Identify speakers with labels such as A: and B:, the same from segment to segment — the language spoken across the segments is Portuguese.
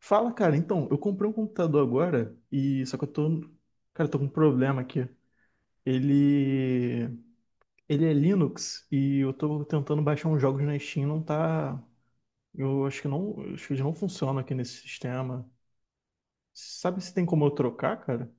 A: Fala, cara. Então, eu comprei um computador agora e só que eu tô, cara, eu tô com um problema aqui. Ele, ele é Linux e eu tô tentando baixar uns jogos na Steam, não tá, eu acho que não, acho que eles não funcionam aqui nesse sistema. Sabe se tem como eu trocar, cara?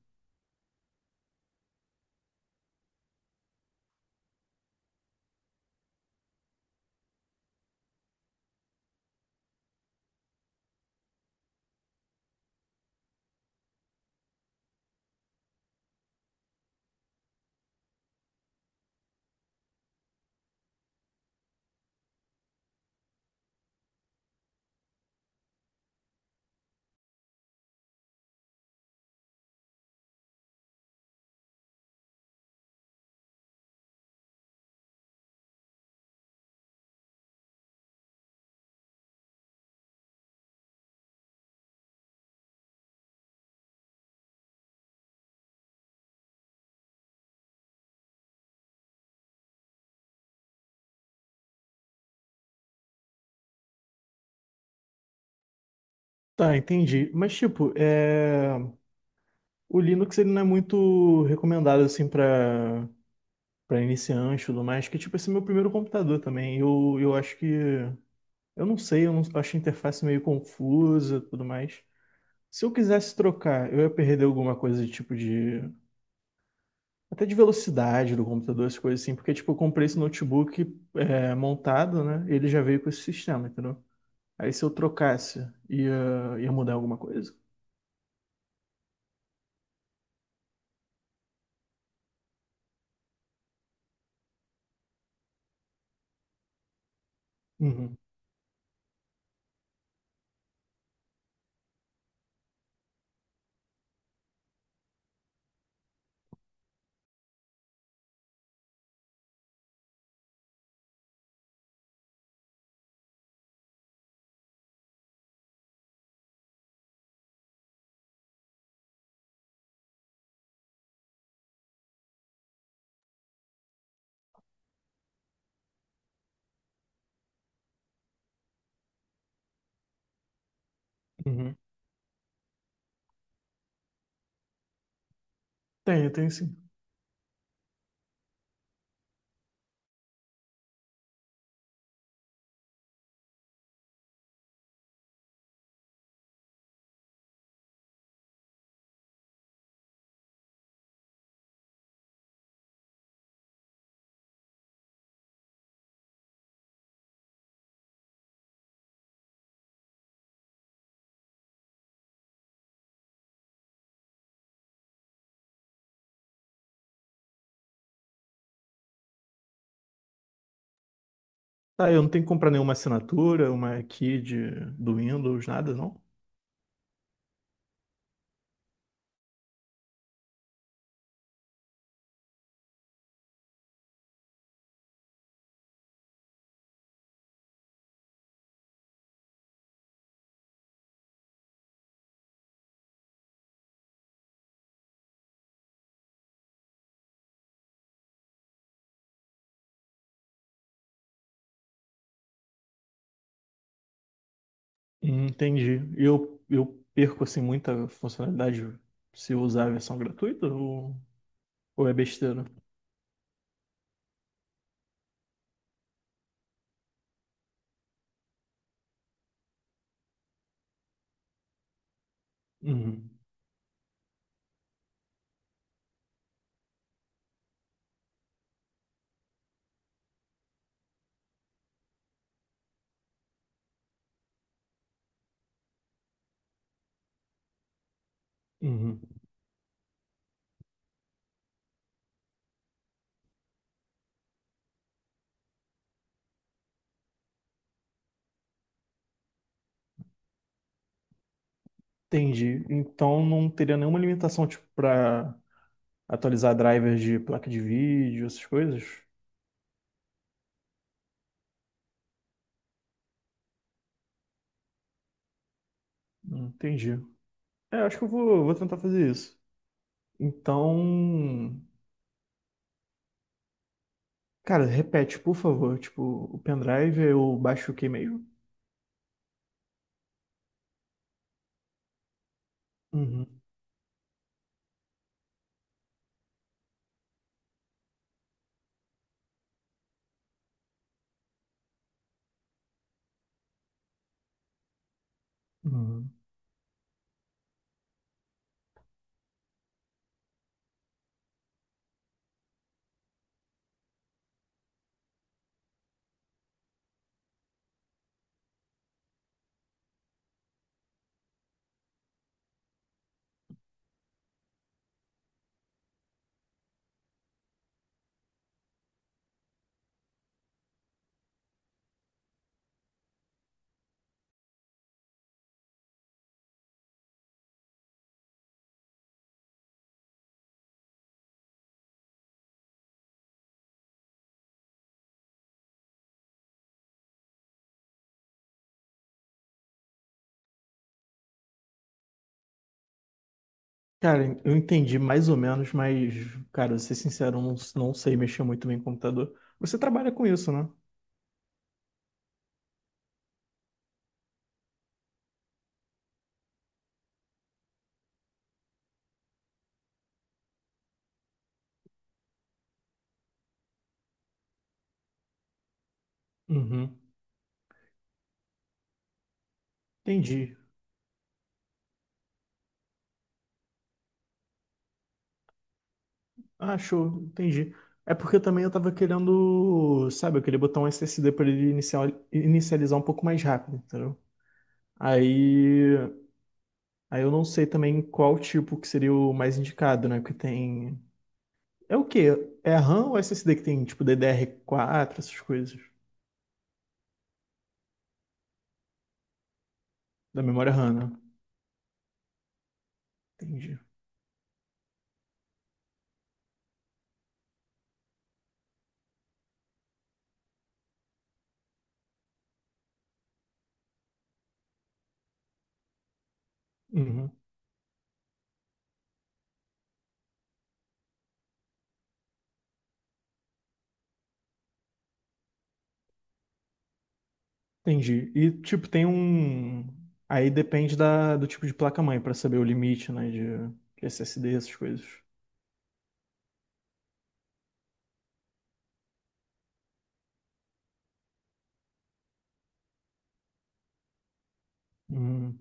A: Tá, entendi. Mas tipo, é, o Linux ele não é muito recomendado assim para iniciante e tudo mais, que tipo, esse é meu primeiro computador também. Eu acho que eu não sei, eu não, eu achei a interface meio confusa e tudo mais. Se eu quisesse trocar, eu ia perder alguma coisa de tipo de. Até de velocidade do computador, essas coisas assim, porque tipo, eu comprei esse notebook é, montado, né? E ele já veio com esse sistema, entendeu? Aí se eu trocasse, ia, ia mudar alguma coisa? Uhum, uhum. Tenho, tenho sim. Tá, eu não tenho que comprar nenhuma assinatura, uma key de, do Windows, nada, não? Entendi. E eu perco assim muita funcionalidade se eu usar a versão gratuita? Ou... ou é besteira? Uhum. Uhum. Entendi. Então não teria nenhuma limitação tipo para atualizar drivers de placa de vídeo, essas coisas? Entendi. É, acho que eu vou tentar fazer isso. Então, cara, repete, por favor. Tipo, o pendrive eu baixo o que mesmo? Uhum. Uhum. Cara, eu entendi mais ou menos, mas, cara, vou ser sincero, eu não, não sei mexer muito bem em computador. Você trabalha com isso, né? Uhum. Entendi. Ah, show, entendi. É porque também eu tava querendo, sabe, eu queria botar um SSD pra ele inicializar um pouco mais rápido, entendeu? Aí, aí eu não sei também qual tipo que seria o mais indicado, né? Porque tem. É o quê? É a RAM ou SSD que tem, tipo, DDR4, essas coisas? Da memória RAM, né? Entendi. Uhum, entendi. E, tipo, tem um. Aí depende da, do tipo de placa-mãe pra saber o limite, né? De SSD, essas coisas. Uhum.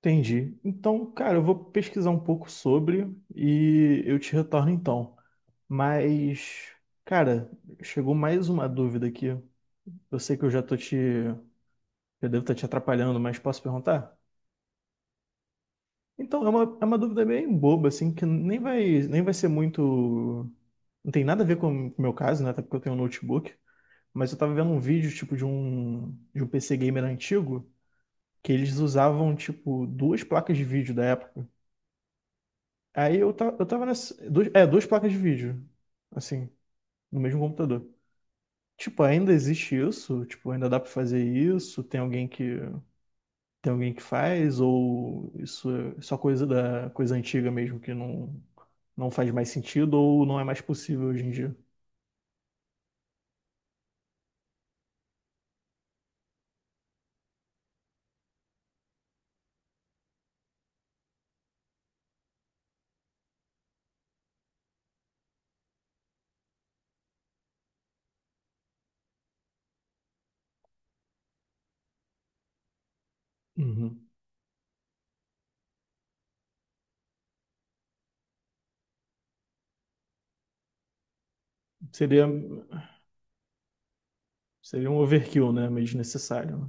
A: Entendi. Então, cara, eu vou pesquisar um pouco sobre e eu te retorno então. Mas, cara, chegou mais uma dúvida aqui. Eu sei que eu já tô te, eu devo estar te atrapalhando, mas posso perguntar? Então, é é uma dúvida bem boba, assim, que nem vai ser muito. Não tem nada a ver com o meu caso, né? Até porque eu tenho um notebook. Mas eu tava vendo um vídeo, tipo, de um PC gamer antigo, que eles usavam, tipo, duas placas de vídeo da época. Aí eu, eu tava nessa. Duas, é, duas placas de vídeo, assim, no mesmo computador. Tipo, ainda existe isso? Tipo, ainda dá pra fazer isso? Tem alguém que. Tem alguém que faz? Ou isso é só coisa da coisa antiga mesmo que não, não faz mais sentido ou não é mais possível hoje em dia? Uhum. Seria, seria um overkill, né? Meio desnecessário. Né?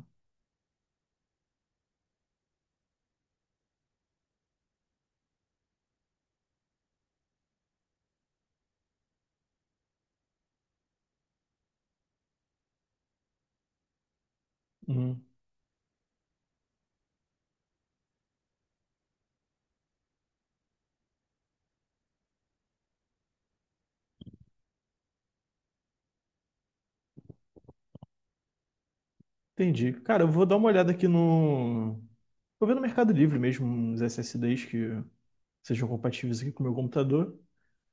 A: Uhum. Entendi. Cara, eu vou dar uma olhada aqui no. Vou ver no Mercado Livre mesmo uns SSDs que sejam compatíveis aqui com o meu computador.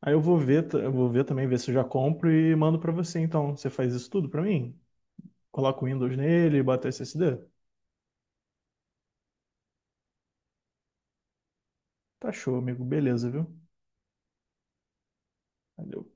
A: Aí eu vou ver, eu vou ver também, ver se eu já compro e mando pra você. Então, você faz isso tudo pra mim? Coloca o Windows nele, e bota o SSD? Tá show, amigo. Beleza, viu? Valeu.